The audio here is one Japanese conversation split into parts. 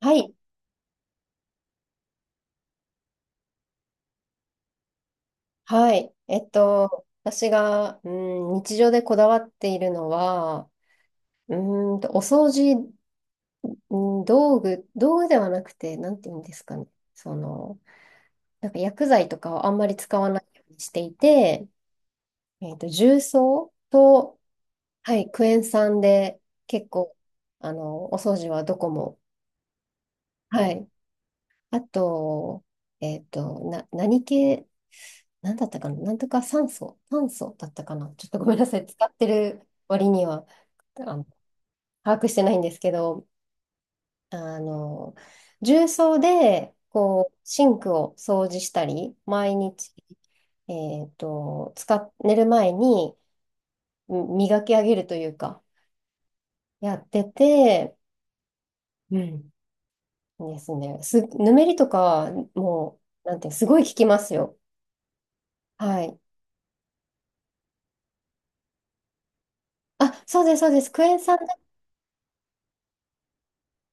はい。はい。私が、日常でこだわっているのは、うお掃除、う道具ではなくて、なんて言うんですかね。その、なんか薬剤とかをあんまり使わないようにしていて、重曹と、はい、クエン酸で結構、お掃除はどこも。はい。あと、何系、なんだったかな、なんとか酸素、炭素だったかな、ちょっとごめんなさい、使ってる割にはあの把握してないんですけど、あの重曹でこうシンクを掃除したり、毎日、寝る前にうん磨き上げるというか、やってて、うんですね、ぬめりとか、もう、なんていう、すごい効きますよ。はい。あ、そうです、そうです。クエン酸で。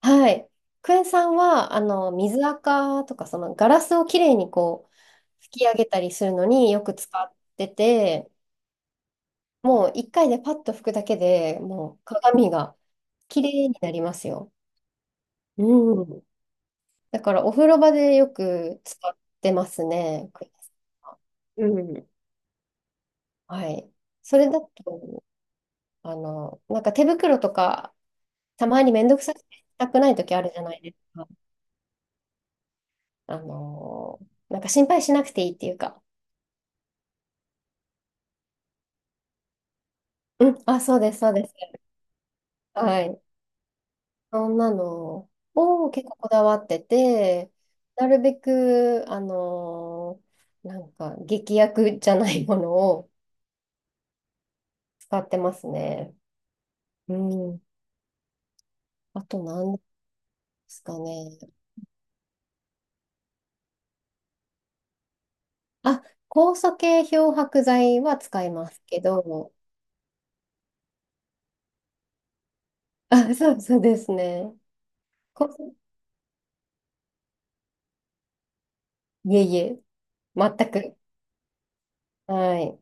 はい。クエン酸は、水垢とか、そのガラスをきれいにこう、拭き上げたりするのによく使ってて、もう一回でパッと拭くだけでもう鏡がきれいになりますよ。うん。だからお風呂場でよく使ってますね、クエン酸は。うん。はい。それだと、なんか手袋とか、たまにめんどくさくてしたくない時あるじゃないですか。あの、なんか心配しなくていいっていうか。うん、あ、そうです、そうです。はい。そんなのを結構こだわってて、なるべく、なんか、劇薬じゃないものを使ってますね。うん。あと何ですかね。あ、酵素系漂白剤は使いますけど、あ、そうですね。酵素いえいえ、全く。はい。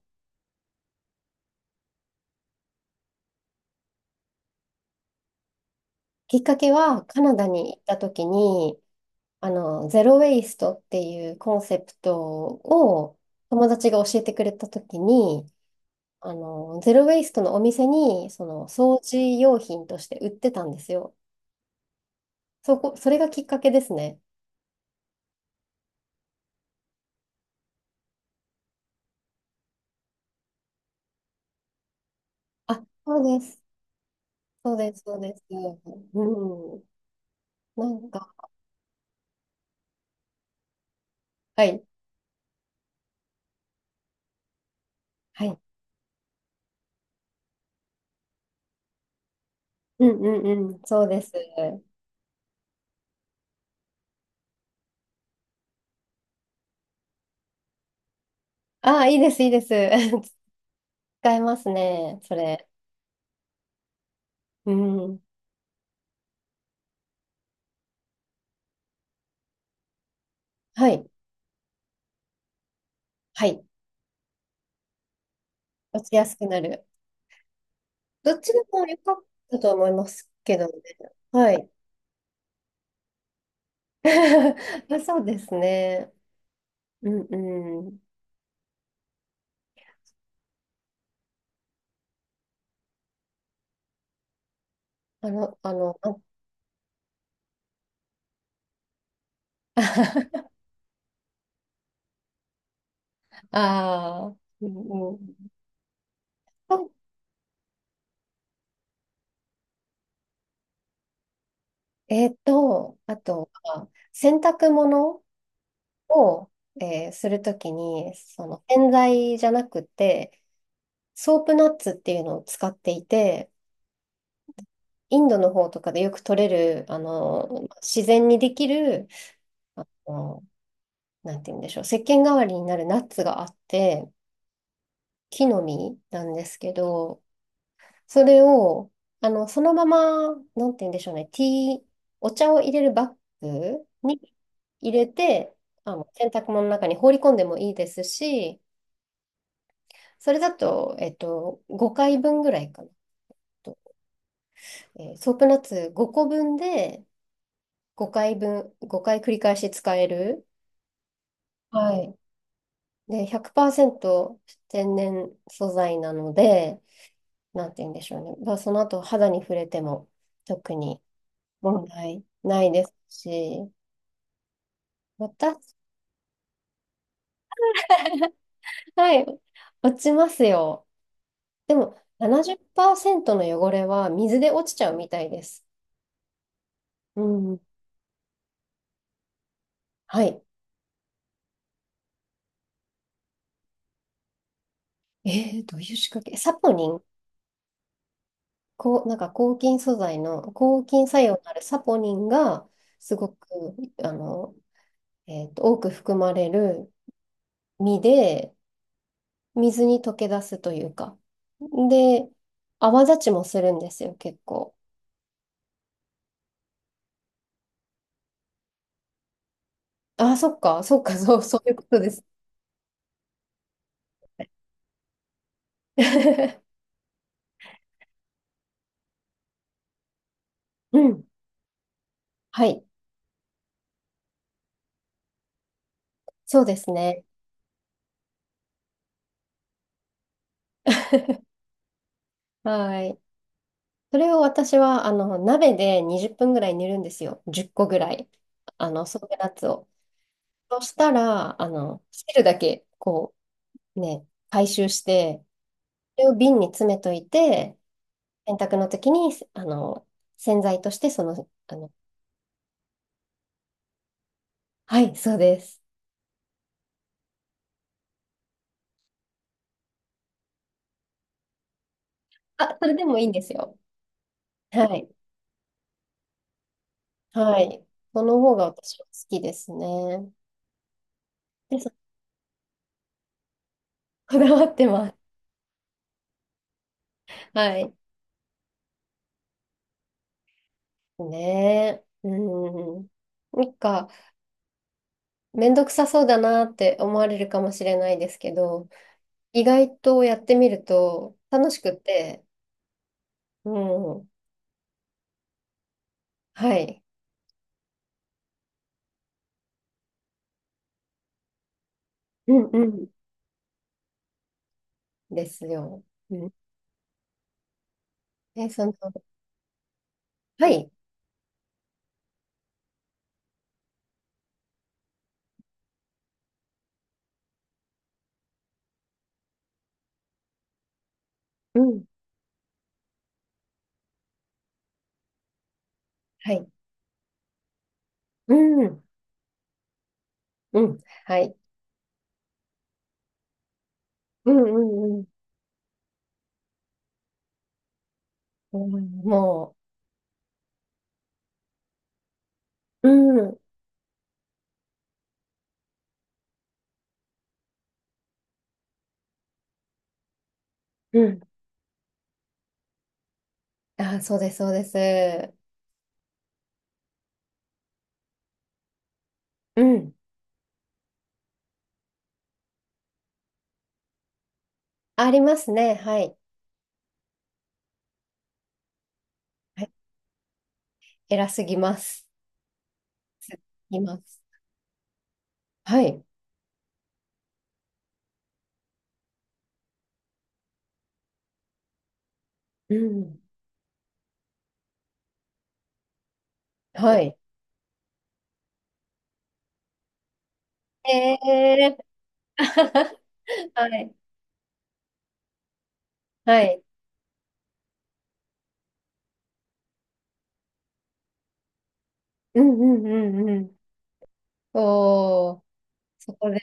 きっかけは、カナダに行った時に、ゼロ・ウェイストっていうコンセプトを友達が教えてくれたときに、ゼロ・ウェイストのお店に、掃除用品として売ってたんですよ。それがきっかけですね。あ、そうです。そうです、そうです。うん。なんか、はい、はい。うんうんうん、そうです。ああ、いいです、いいです。使えますね、それ。うん。はい、はい。落ちやすくなる。どっちでも良かったと思いますけどね。はい。あ、そうですね。うんうん。あの、あの、あ あうんうん。とあとは、洗濯物を、するときに、その洗剤じゃなくて、ソープナッツっていうのを使っていて、インドの方とかでよく取れる、自然にできる、あのなんて言うんでしょう、石鹸代わりになるナッツがあって、木の実なんですけど、それを、そのまま、なんて言うんでしょうね、ティー、お茶を入れるバッグに入れて、洗濯物の中に放り込んでもいいですし、それだと、5回分ぐらいかなと。ソープナッツ5個分で5回分、5回繰り返し使える。はい。で、100%天然素材なので、なんて言うんでしょうね。まあ、その後肌に触れても特に問題ないですし、私、はい、落ちますよ。でも70%の汚れは水で落ちちゃうみたいです。うん。はい。えどういう仕掛け、サポニン、こう、なんか抗菌素材の抗菌作用のあるサポニンがすごく、あの、多く含まれる実で、水に溶け出すというか。で、泡立ちもするんですよ、結構。あ、そっか、そっか、そう、そういうことです。うん。はい、そうですね。はい。それを私は、鍋で20分ぐらい煮るんですよ。10個ぐらい。ソテナッツを。そしたら、汁だけ、こう、ね、回収して、それを瓶に詰めといて、洗濯の時に、洗剤として、はい、そうです。あ、それでもいいんですよ。はい。はい。その方が私は好きですね。で、こだわってます。はい。ねえ。うん。なんか、めんどくさそうだなって思われるかもしれないですけど、意外とやってみると楽しくて、うん。はい。うんうん。ですよ。うん。え、その、はい。うん。はい。うん。うん。はい。うんうんうん。うんもう、うん。うんあ、そうです、そうです。うん。ありますね。はい。はい、偉すぎます。すぎます。はい。うん。はい。えー。はい。はい。うんうんうんうん。おー、そこで。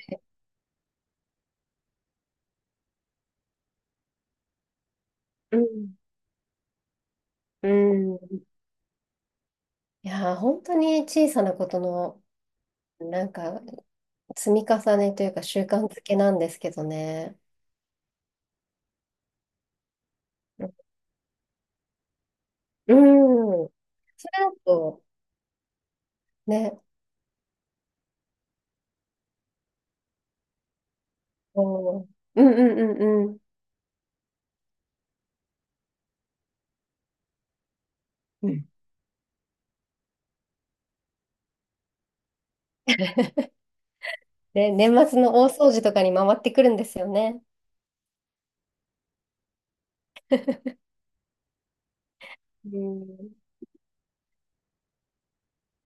うん。うんいやー、本当に小さなことの、なんか、積み重ねというか、習慣づけなんですけどね。うんそれだと、ね、おー、うんうんうんうん。うんで、年末の大掃除とかに回ってくるんですよね。うん、